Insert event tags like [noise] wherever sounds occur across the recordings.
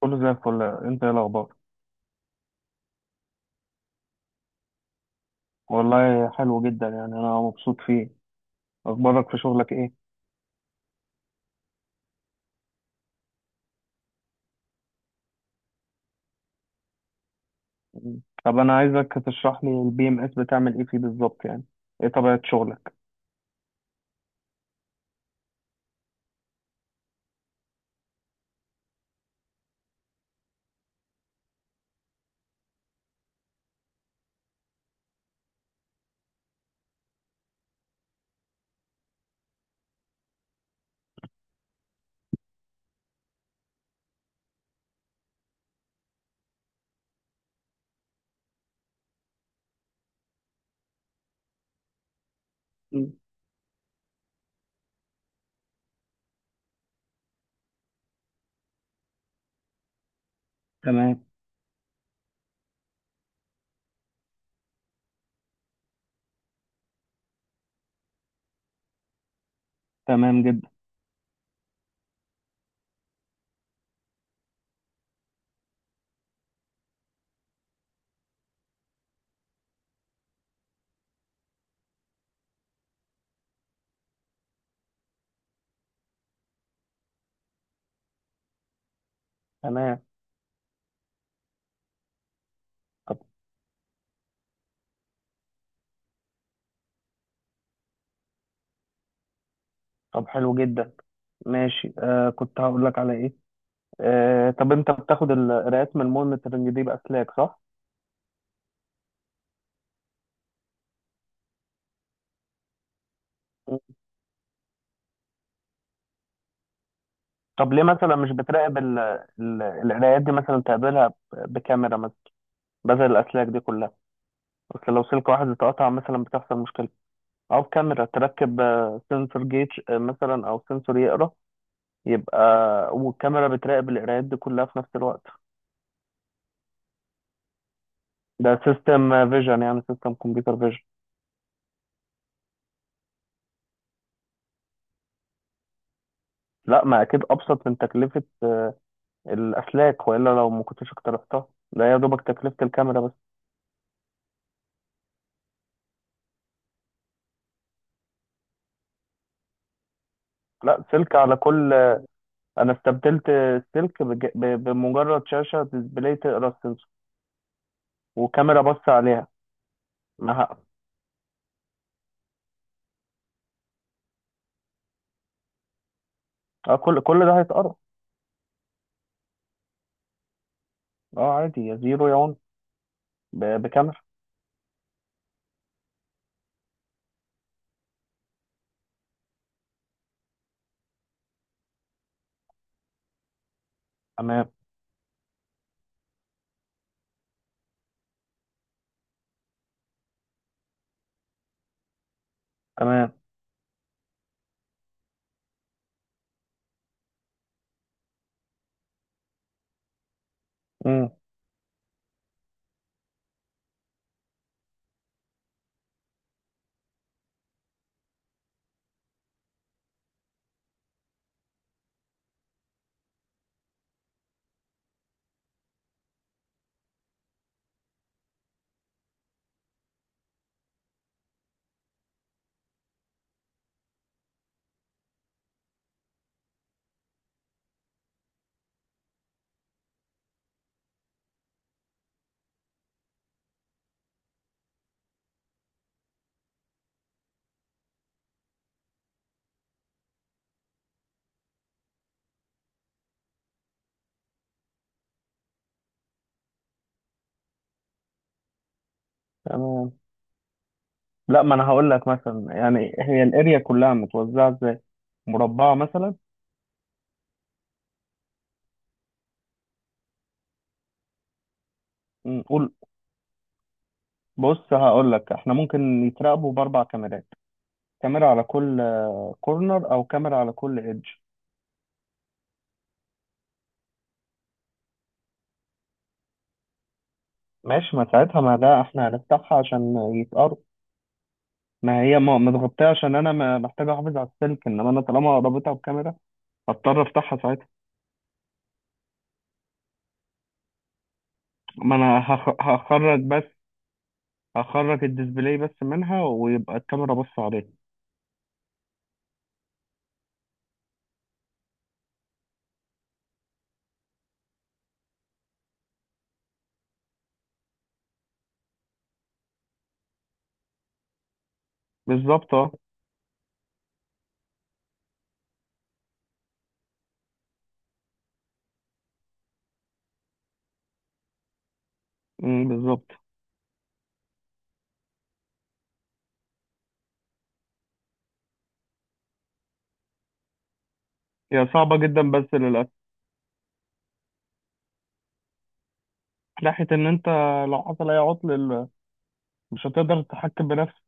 كله زي الفل. انت ايه الاخبار؟ والله حلو جدا يعني انا مبسوط فيه. اخبارك في شغلك ايه؟ مم. طب انا عايزك تشرح لي الـ BMS بتعمل ايه فيه بالظبط يعني. ايه طبيعة شغلك؟ مم. تمام. تمام جدا. تمام. طب طب حلو جدا. ماشي، كنت هقول لك على ايه. طب انت بتاخد القراءات من المونيتورنج دي باسلاك، صح؟ مم. طب ليه مثلا مش بتراقب القراءات دي، مثلا تقابلها بكاميرا مثلا بدل الاسلاك دي كلها؟ اصل لو سلك واحد اتقطع مثلا بتحصل مشكلة. او كاميرا تركب، سنسور جيج مثلا، او سنسور يقرا يبقى، والكاميرا بتراقب القرايات دي كلها في نفس الوقت. ده سيستم فيجن، يعني سيستم كمبيوتر فيجن. لا، ما اكيد ابسط من تكلفه الاسلاك، والا لو ما كنتش اقترحتها. ده يا دوبك تكلفه الكاميرا بس. لا، سلك على كل. انا استبدلت السلك بمجرد شاشه ديسبلاي تقرا السنسور، وكاميرا بص عليها. ما ه- اه، كل ده هيتقرا. اه، عادي، يا زيرو يا ون. بكاميرا. تمام. تمام. تمام. لا، ما انا هقول لك مثلا يعني هي الاريا كلها متوزعه ازاي؟ مربعه مثلا؟ قول. بص هقول لك، احنا ممكن يتراقبوا باربع كاميرات. كاميرا على كل كورنر، او كاميرا على كل ايدج. ماشي، ما ساعتها ما ده احنا هنفتحها عشان يتقرب. ما هي متغطيه عشان انا محتاج احافظ على السلك، انما انا طالما رابطها بكاميرا هضطر افتحها ساعتها. ما انا هخرج بس، هخرج الديسبلاي بس منها ويبقى الكاميرا بص عليه. بالظبط، اه. م، بالظبط. هي صعبة جدا بس للأسف. ناحية إن أنت لو حصل أي عطل مش هتقدر تتحكم بنفسك.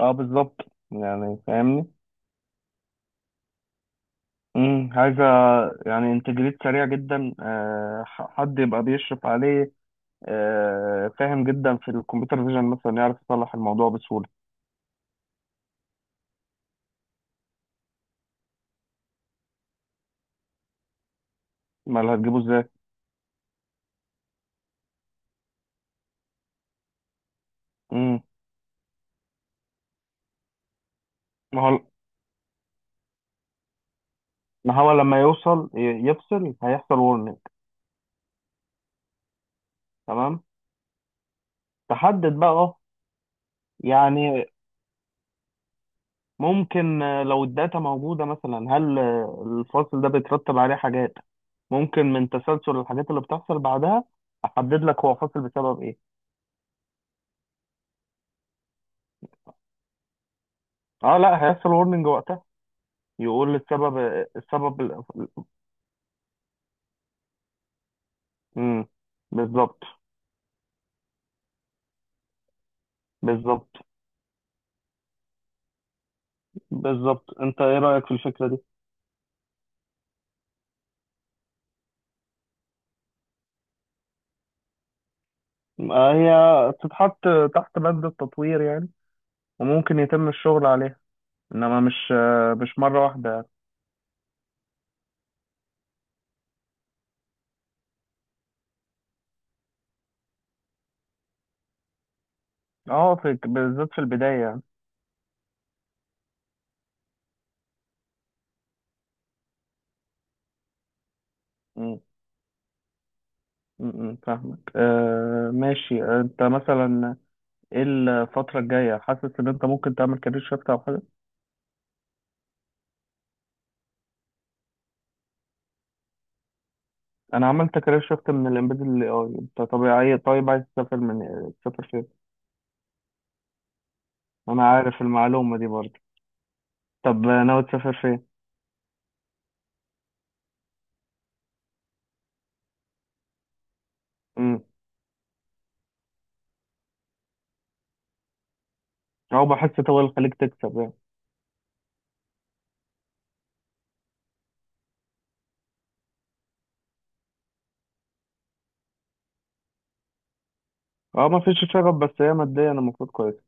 أه، بالظبط، يعني فاهمني. عايزة يعني انتجريت سريع جدا. أه، حد يبقى بيشرف عليه. أه، فاهم جدا في الكمبيوتر فيجن مثلا يعرف يصلح الموضوع بسهولة. ما اللي هتجيبه إزاي؟ امم ما هو، لما يوصل يفصل هيحصل ورنينج. تمام. تحدد بقى. يعني ممكن، لو الداتا موجودة مثلا، هل الفصل ده بيترتب عليه حاجات، ممكن من تسلسل الحاجات اللي بتحصل بعدها أحدد لك هو فاصل بسبب إيه. أه، لا، هيحصل ورنينج وقتها يقول السبب. السبب ال- امم. بالظبط. بالظبط. بالظبط. أنت إيه رأيك في الفكرة دي؟ آه، هي تتحط تحت بند التطوير يعني، وممكن يتم الشغل عليها. إنما مش مرة واحدة يعني. أه، في بالذات في البداية يعني. م- م، فاهمك. آه، ماشي. انت مثلا ايه الفترة الجاية، حاسس ان انت ممكن تعمل كارير شيفت او حاجة؟ انا عملت كارير شيفت من الامبيدد للاي اي، انت طبيعي. طيب عايز تسافر من، تسافر فين؟ انا عارف المعلومة دي برضه. طب ناوي تسافر فين؟ امم. او بحس طول الخليج تكسب يعني. اه، ما فيش شغف بس هي ماديا المفروض كويسة.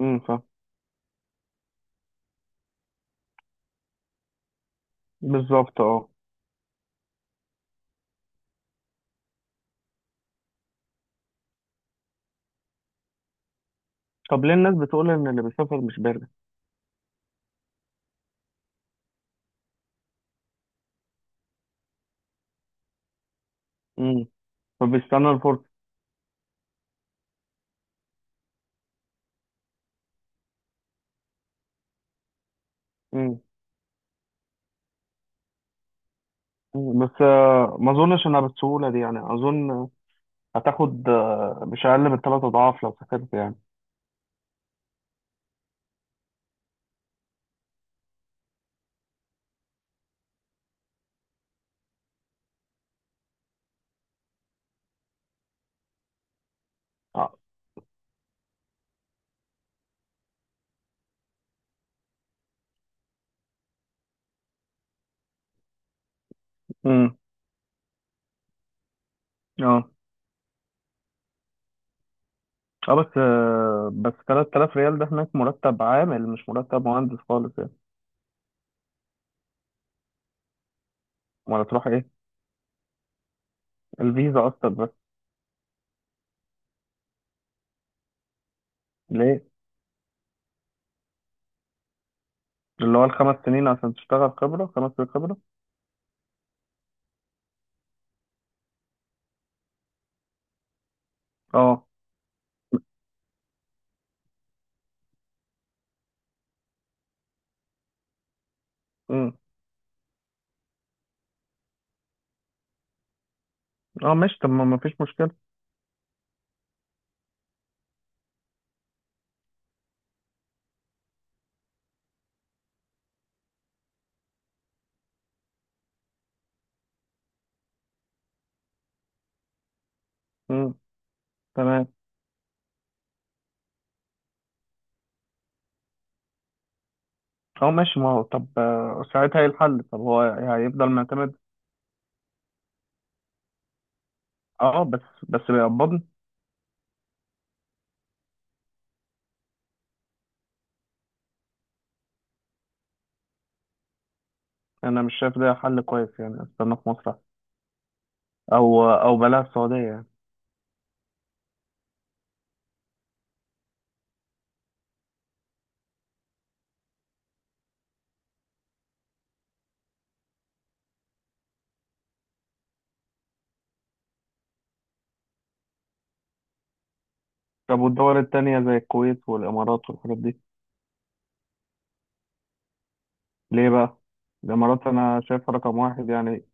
امم. فاهم. بالظبط، اه. طب ليه الناس بتقول ان اللي بيسافر مش بارد؟ امم. فبيستنى الفرصة. امم. بس ما اظنش انها بالسهولة دي يعني، اظن هتاخد مش اقل من ثلاث اضعاف لو سافرت يعني. آه. امم. اه. اه. بس 3000 ريال ده هناك مرتب عامل، مش مرتب مهندس خالص يعني. ولا تروح ايه؟ الفيزا اصلا بس؟ ليه؟ اللي هو ال 5 سنين عشان تشتغل خبرة. 5 سنين خبرة؟ اه. امم. اه، ماشي. طب ما فيش مشكلة. امم. تمام. اه، ماشي. ما هو طب ساعتها ايه الحل؟ طب هو هيفضل معتمد؟ اه، بس. بس بيقبضني. انا مش شايف ده حل كويس يعني، استنى في مصر أحسن. او بلاها السعودية يعني. طب والدول التانية زي الكويت والإمارات والحاجات دي، ليه بقى؟ الإمارات أنا شايفها رقم واحد يعني،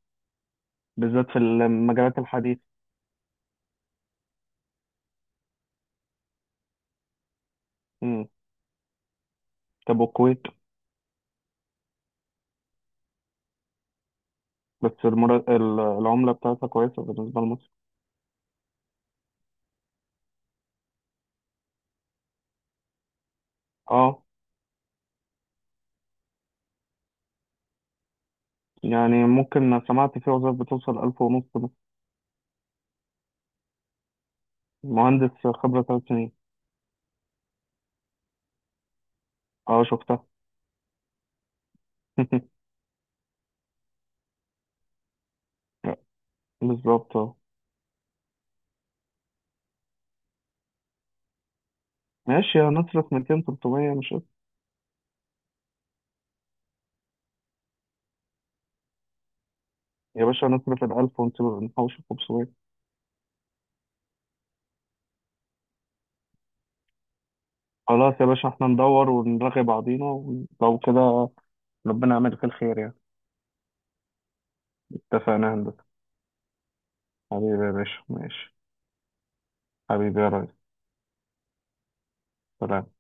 بالذات في المجالات الحديثة. مم. طب والكويت؟ بس العملة بتاعتها كويسة بالنسبة لمصر. اه، يعني ممكن سمعت في وظائف بتوصل 1500 مثلاً. مهندس خبرة 3 سنين. اه، شفتها. [laughs] لا، بالظبط، اه. ماشي، هنصرف 200 300 مش قصة. يا باشا، هنصرف ال 1000 ونحوش 500. خلاص يا باشا، احنا ندور ونرغي بعضينا ولو كده. ربنا يعملك الخير يا. اتفقنا يا هندسة. حبيبي يا باشا، ماشي. حبيبي يا ريس. سلام.